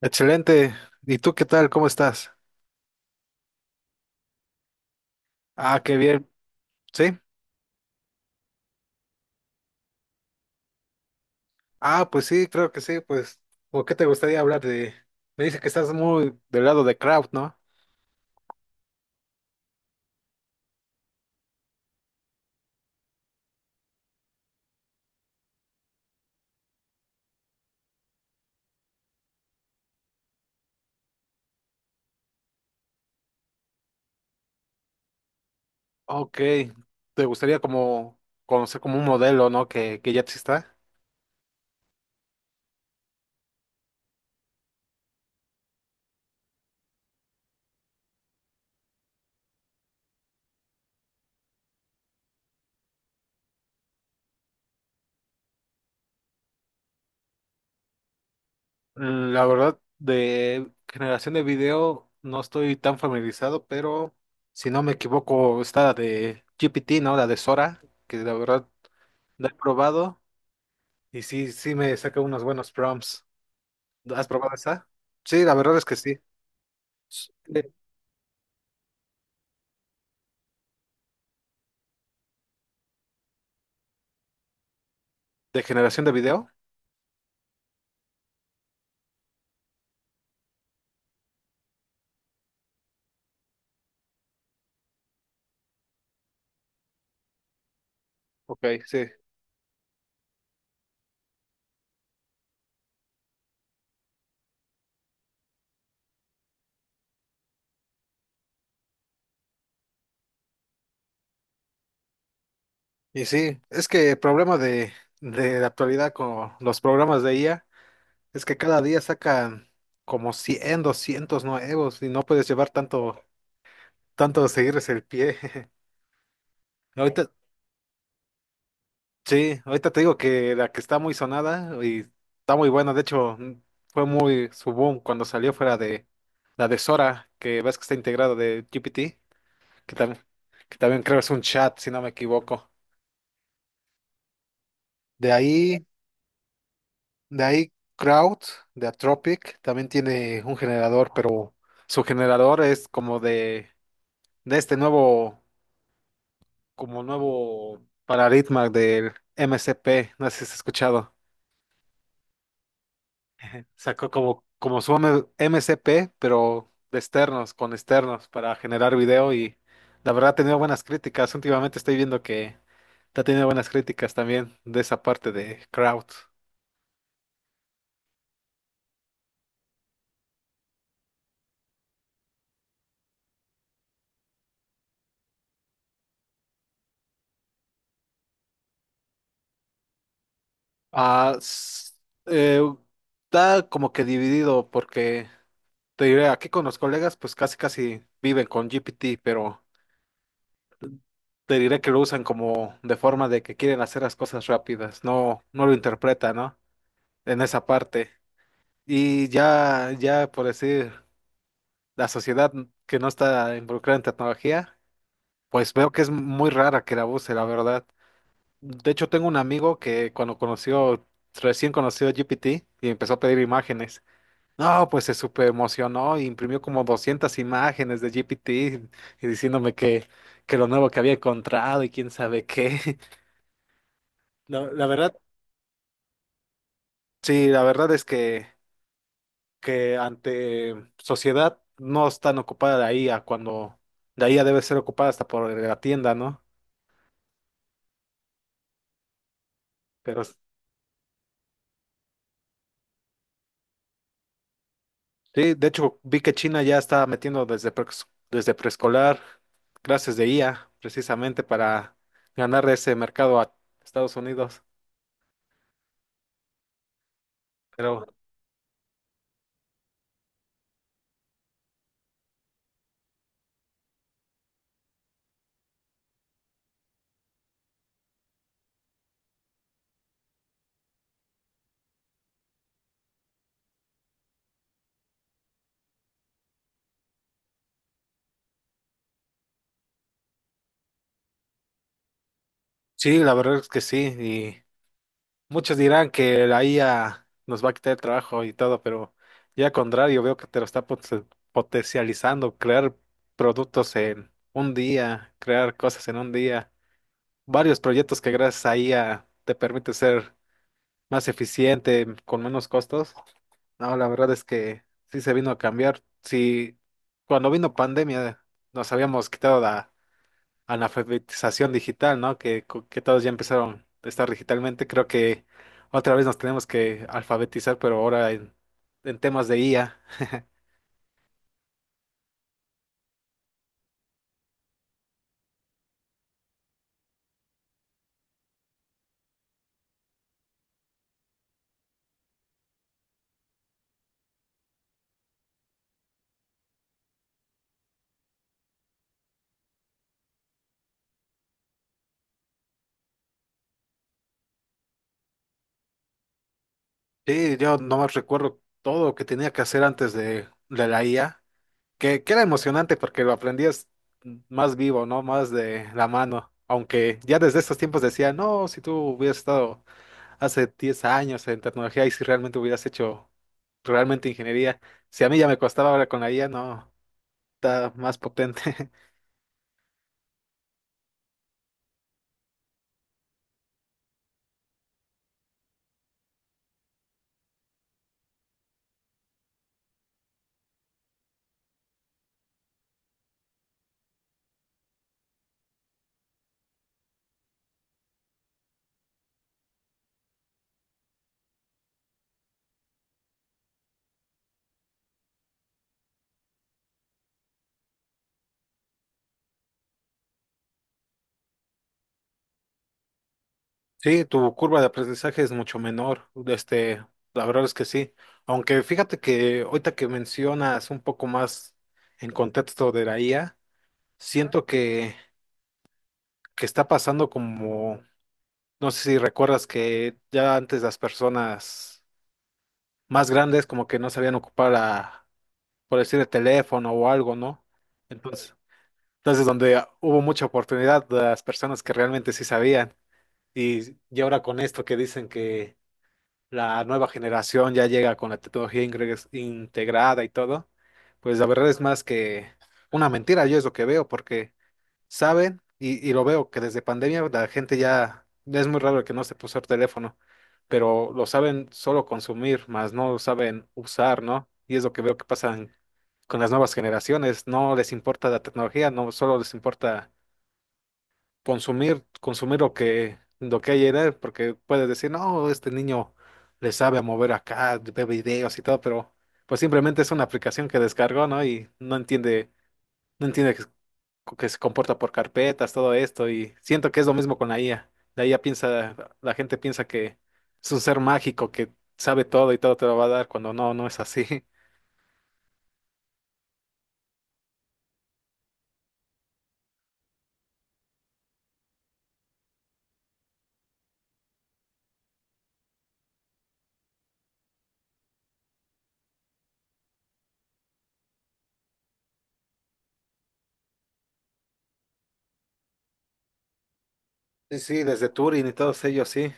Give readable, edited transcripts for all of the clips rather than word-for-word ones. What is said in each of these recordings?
Excelente. ¿Y tú qué tal? ¿Cómo estás? Ah, qué bien. ¿Sí? Ah, pues sí, creo que sí. ¿O qué te gustaría hablar de...? Me dice que estás muy del lado de crowd, ¿no? Ok. ¿Te gustaría como conocer como un modelo, ¿no? Que ya exista. La verdad, de generación de video no estoy tan familiarizado, pero si no me equivoco, está la de GPT, ¿no? La de Sora, que la verdad la he probado y sí, sí me saca unos buenos prompts. ¿Has probado esa? Sí, la verdad es que sí. S- ¿De, de generación de video? Ok, sí. Y sí, es que el problema de la actualidad con los programas de IA es que cada día sacan como 100, 200 nuevos y no puedes llevar tanto, tanto de seguirles el pie. Ahorita, sí, ahorita te digo que la que está muy sonada y está muy buena, de hecho, fue muy su boom cuando salió fuera de la de Sora, que ves que está integrada de GPT. que también, que también creo es un chat, si no me equivoco. De ahí, de ahí crowd de Atropic, también tiene un generador, pero su generador es como de este nuevo, como nuevo paradigma del MCP, no sé si has escuchado. Sacó MCP, pero de externos, con externos, para generar video y la verdad ha tenido buenas críticas. Últimamente estoy viendo que ha tenido buenas críticas también de esa parte de crowd. Ah, s- eh, Está como que dividido porque te diré, aquí con los colegas pues casi casi viven con GPT, pero te diré que lo usan como de forma de que quieren hacer las cosas rápidas, no lo interpretan, ¿no? En esa parte. Y ya por decir, la sociedad que no está involucrada en tecnología, pues veo que es muy rara que la use, la verdad. De hecho, tengo un amigo que recién conoció GPT y empezó a pedir imágenes. No, pues se súper emocionó y imprimió como 200 imágenes de GPT y que lo nuevo que había encontrado y quién sabe qué. No, la verdad, sí, la verdad es que ante sociedad no es tan ocupada la IA cuando la IA debe ser ocupada hasta por la tienda, ¿no? Pero sí, de hecho vi que China ya está metiendo desde preescolar clases de IA precisamente para ganar ese mercado a Estados Unidos. Pero sí, la verdad es que sí, y muchos dirán que la IA nos va a quitar el trabajo y todo, pero ya al contrario, veo que te lo está potencializando, crear productos en un día, crear cosas en un día, varios proyectos que gracias a IA te permite ser más eficiente, con menos costos. No, la verdad es que sí se vino a cambiar. Sí, cuando vino pandemia nos habíamos quitado la analfabetización digital, ¿no? Que todos ya empezaron a estar digitalmente. Creo que otra vez nos tenemos que alfabetizar, pero ahora en temas de IA. Sí, yo no nomás recuerdo todo lo que tenía que hacer antes de la IA, que era emocionante porque lo aprendías más vivo, ¿no? Más de la mano. Aunque ya desde estos tiempos decía, no, si tú hubieras estado hace 10 años en tecnología y si realmente hubieras hecho realmente ingeniería, si a mí ya me costaba ahora con la IA, no. Está más potente. Sí, tu curva de aprendizaje es mucho menor. Este, la verdad es que sí. Aunque fíjate que ahorita que mencionas un poco más en contexto de la IA, siento que está pasando como, no sé si recuerdas que ya antes las personas más grandes como que no sabían ocupar a, por decir, el teléfono o algo, ¿no? Entonces, entonces donde hubo mucha oportunidad de las personas que realmente sí sabían. Y ahora con esto que dicen que la nueva generación ya llega con la tecnología integrada y todo, pues la verdad es más que una mentira, yo es lo que veo, porque saben, y lo veo que desde pandemia la gente ya es muy raro que no se puso el teléfono, pero lo saben solo consumir, más no lo saben usar, ¿no? Y es lo que veo que con las nuevas generaciones, no les importa la tecnología, no solo les importa consumir, consumir lo lo que hay en él, porque puedes decir, no, este niño le sabe a mover acá, ve videos y todo, pero pues simplemente es una aplicación que descargó, ¿no? Y no entiende, no entiende que se comporta por carpetas, todo esto, y siento que es lo mismo con la IA. La gente piensa que es un ser mágico que sabe todo y todo te lo va a dar, cuando no, no es así. Sí, sí, desde Turing y todos ellos, sí.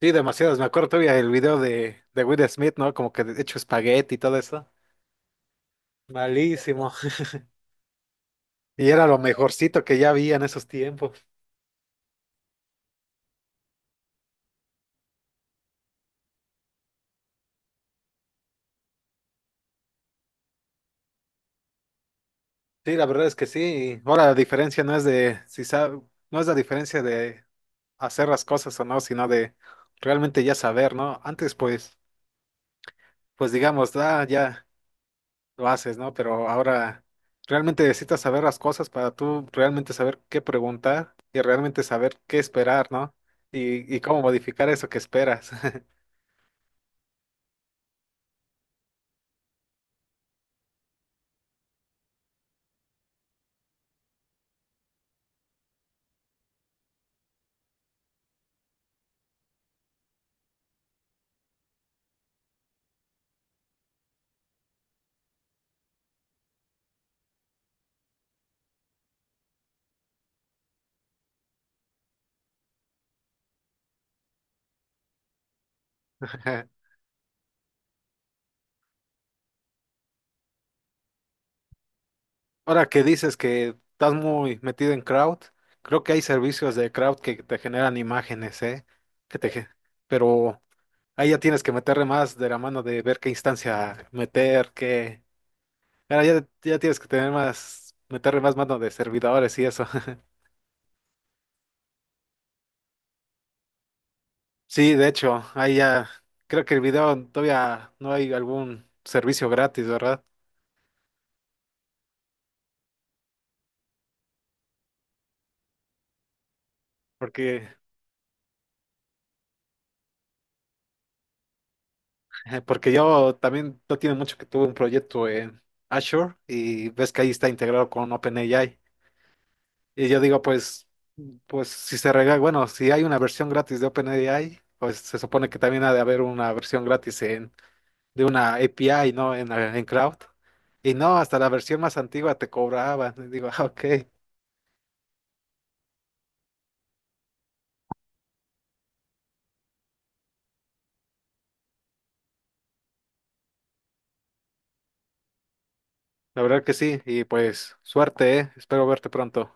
Sí, demasiados. Me acuerdo todavía el video de Will Smith, ¿no? Como que hecho espagueti y todo eso. Malísimo. Y era lo mejorcito que ya había en esos tiempos. Sí, la verdad es que sí. Ahora la diferencia no es de si sabe, no es la diferencia de hacer las cosas o no, sino de realmente ya saber, ¿no? Antes pues, pues digamos, ah, ya lo haces, ¿no? Pero ahora realmente necesitas saber las cosas para tú realmente saber qué preguntar y realmente saber qué esperar, ¿no? Y cómo modificar eso que esperas. Ahora que dices que estás muy metido en crowd, creo que hay servicios de crowd que te generan imágenes, ¿eh? Que te, ge- pero ahí ya tienes que meterle más de la mano de ver qué instancia meter, qué... Ahora ya tienes que tener más, meterle más mano de servidores y eso. Sí, de hecho, ahí ya, creo que el video todavía no hay algún servicio gratis, ¿verdad? Porque, porque yo también no tiene mucho que tuve un proyecto en Azure y ves que ahí está integrado con OpenAI. Y yo digo, pues, pues si se regala, bueno, si hay una versión gratis de OpenAI, pues se supone que también ha de haber una versión gratis en, de una API, ¿no? En Cloud. Y no, hasta la versión más antigua te cobraban. Y digo, ah, ok, la verdad que sí. Y pues, suerte, ¿eh? Espero verte pronto.